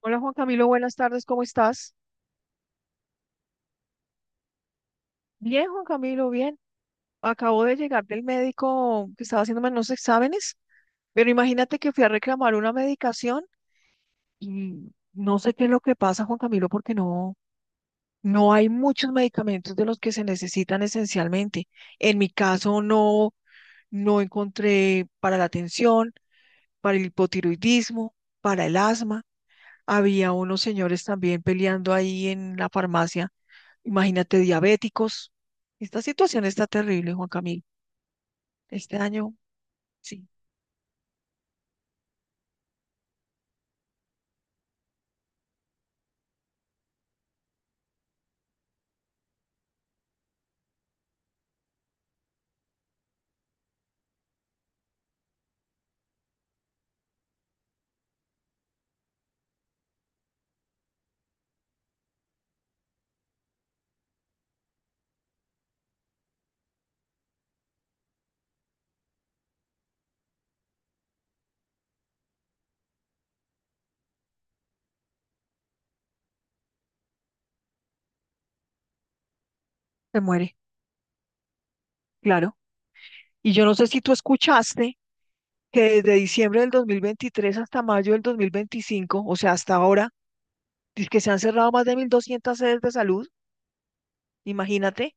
Hola Juan Camilo, buenas tardes, ¿cómo estás? Bien, Juan Camilo, bien. Acabo de llegar del médico que estaba haciéndome unos exámenes, pero imagínate que fui a reclamar una medicación y no sé qué es lo que pasa, Juan Camilo, porque no, no hay muchos medicamentos de los que se necesitan esencialmente. En mi caso no, no encontré para la tensión, para el hipotiroidismo, para el asma. Había unos señores también peleando ahí en la farmacia. Imagínate, diabéticos. Esta situación está terrible, Juan Camilo. Este año, sí, se muere, claro. Y yo no sé si tú escuchaste que desde diciembre del 2023 hasta mayo del 2025, o sea, hasta ahora, dice que se han cerrado más de 1.200 sedes de salud. Imagínate,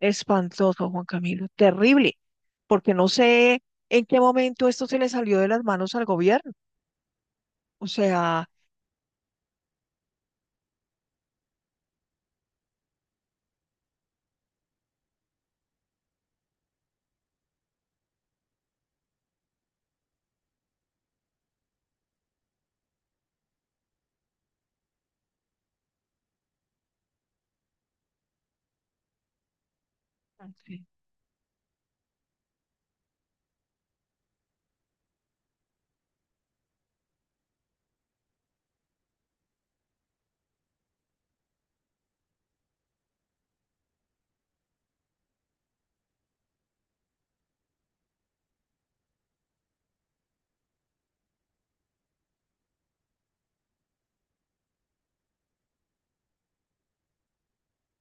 espantoso, Juan Camilo, terrible, porque no sé en qué momento esto se le salió de las manos al gobierno. O sea. Sí.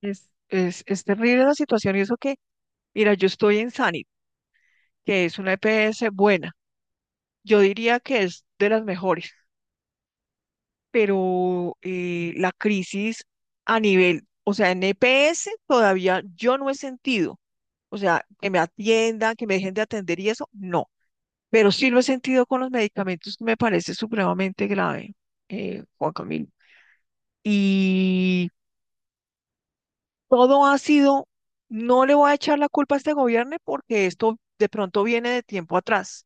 Es terrible la situación y eso que, mira, yo estoy en Sanit que es una EPS buena. Yo diría que es de las mejores, pero la crisis a nivel, o sea, en EPS todavía yo no he sentido, o sea, que me atiendan, que me dejen de atender y eso, no, pero sí lo he sentido con los medicamentos que me parece supremamente grave, Juan Camilo. Y todo ha sido, no le voy a echar la culpa a este gobierno porque esto de pronto viene de tiempo atrás,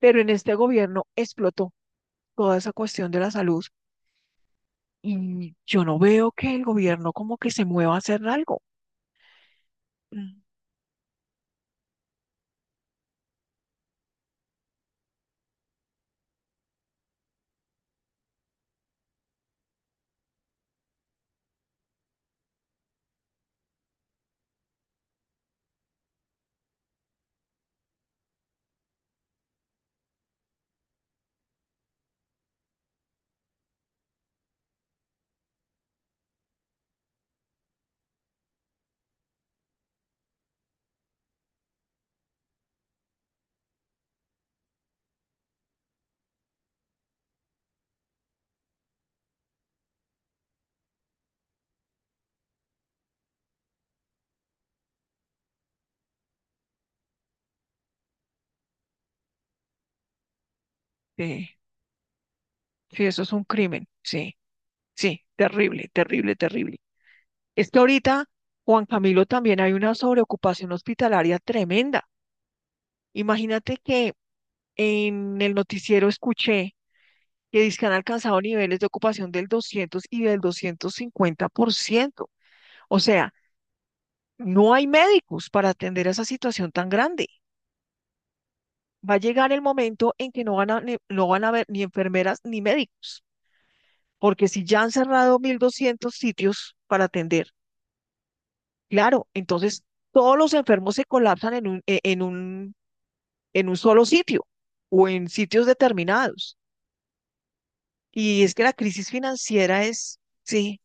pero en este gobierno explotó toda esa cuestión de la salud. Y yo no veo que el gobierno como que se mueva a hacer algo. Mm. Sí, sí, eso es un crimen. Sí, sí, terrible, terrible, terrible. Es que ahorita, Juan Camilo, también hay una sobreocupación hospitalaria tremenda. Imagínate que en el noticiero escuché que dizque han alcanzado niveles de ocupación del 200 y del 250%. O sea, no hay médicos para atender esa situación tan grande. Va a llegar el momento en que no van a haber ni enfermeras ni médicos, porque si ya han cerrado 1.200 sitios para atender, claro, entonces todos los enfermos se colapsan en un solo sitio o en sitios determinados. Y es que la crisis financiera es, sí,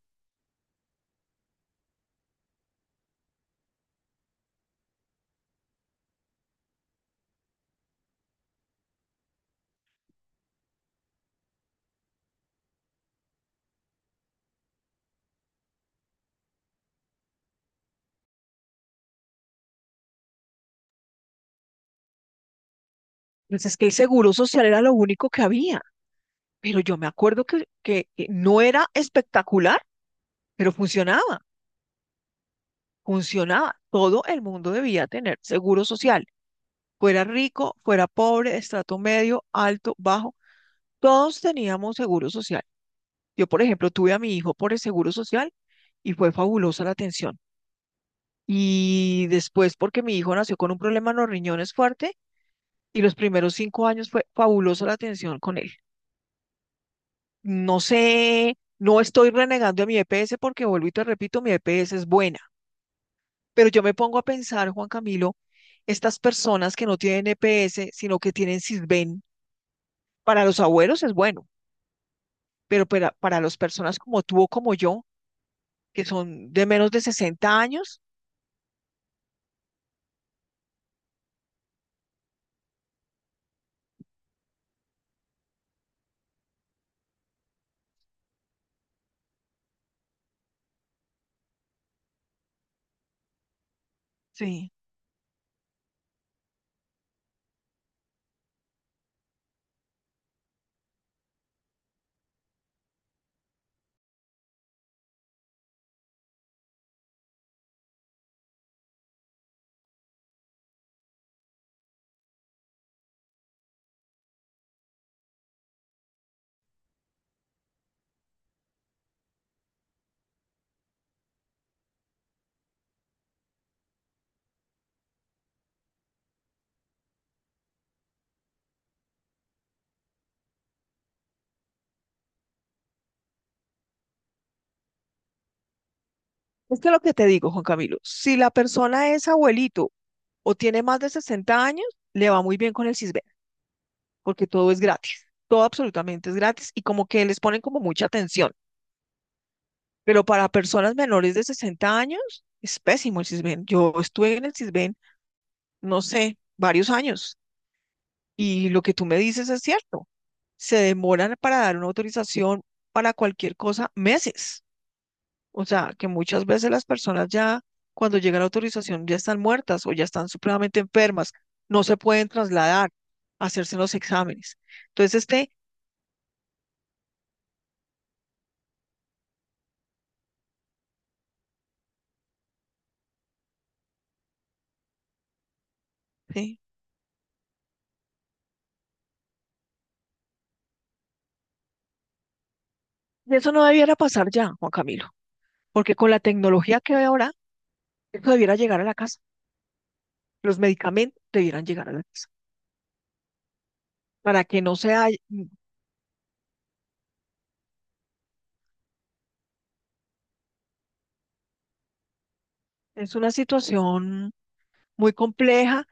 pues es que el seguro social era lo único que había, pero yo me acuerdo que no era espectacular, pero funcionaba, funcionaba. Todo el mundo debía tener seguro social. Fuera rico, fuera pobre, estrato medio, alto, bajo, todos teníamos seguro social. Yo, por ejemplo, tuve a mi hijo por el seguro social y fue fabulosa la atención. Y después, porque mi hijo nació con un problema en los riñones fuerte y los primeros 5 años fue fabulosa la atención con él. No sé, no estoy renegando a mi EPS porque vuelvo y te repito, mi EPS es buena. Pero yo me pongo a pensar, Juan Camilo, estas personas que no tienen EPS, sino que tienen Sisbén, para los abuelos es bueno, pero para las personas como tú o como yo, que son de menos de 60 años, sí. Es que lo que te digo, Juan Camilo, si la persona es abuelito o tiene más de 60 años, le va muy bien con el CISBEN, porque todo es gratis, todo absolutamente es gratis y como que les ponen como mucha atención. Pero para personas menores de 60 años, es pésimo el CISBEN. Yo estuve en el CISBEN, no sé, varios años y lo que tú me dices es cierto. Se demoran para dar una autorización para cualquier cosa meses. O sea, que muchas veces las personas ya, cuando llega la autorización, ya están muertas o ya están supremamente enfermas, no se pueden trasladar a hacerse los exámenes. Entonces, este, sí, eso no debiera pasar ya, Juan Camilo, porque con la tecnología que hay ahora, eso debiera llegar a la casa, los medicamentos debieran llegar a la casa, para que no sea, es una situación muy compleja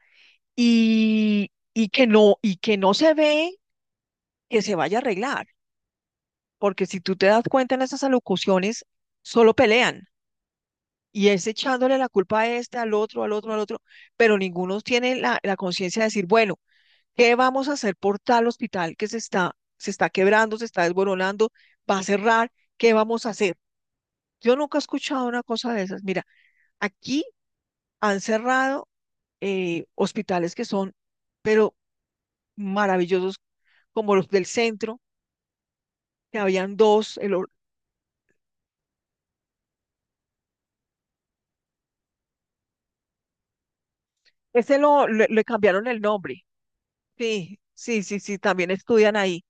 y que no se ve que se vaya a arreglar porque si tú te das cuenta en esas alocuciones, solo pelean y es echándole la culpa a este, al otro, al otro, al otro, pero ninguno tiene la conciencia de decir, bueno, ¿qué vamos a hacer por tal hospital que se está quebrando, se está desboronando, va a cerrar? ¿Qué vamos a hacer? Yo nunca he escuchado una cosa de esas. Mira, aquí han cerrado hospitales que son, pero maravillosos, como los del centro, que habían dos, el, ese lo, le cambiaron el nombre. Sí, sí, sí, sí, también estudian ahí.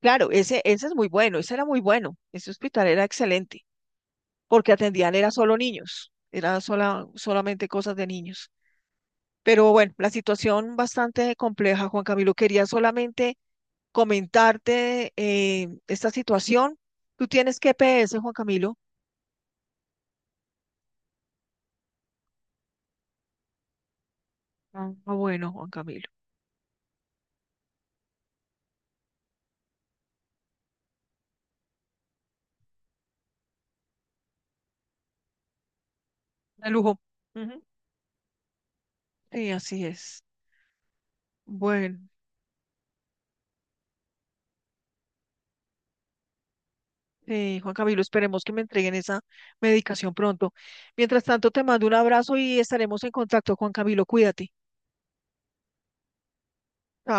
Claro, ese es muy bueno, ese era muy bueno, ese hospital era excelente, porque atendían era solo niños, solamente cosas de niños. Pero bueno, la situación bastante compleja, Juan Camilo, quería solamente comentarte esta situación. Tú tienes GPS, Juan Camilo. Ah, bueno, Juan Camilo. De lujo. Ujú, sí, así es. Bueno. Juan Camilo, esperemos que me entreguen esa medicación pronto. Mientras tanto, te mando un abrazo y estaremos en contacto, Juan Camilo, cuídate. Chao.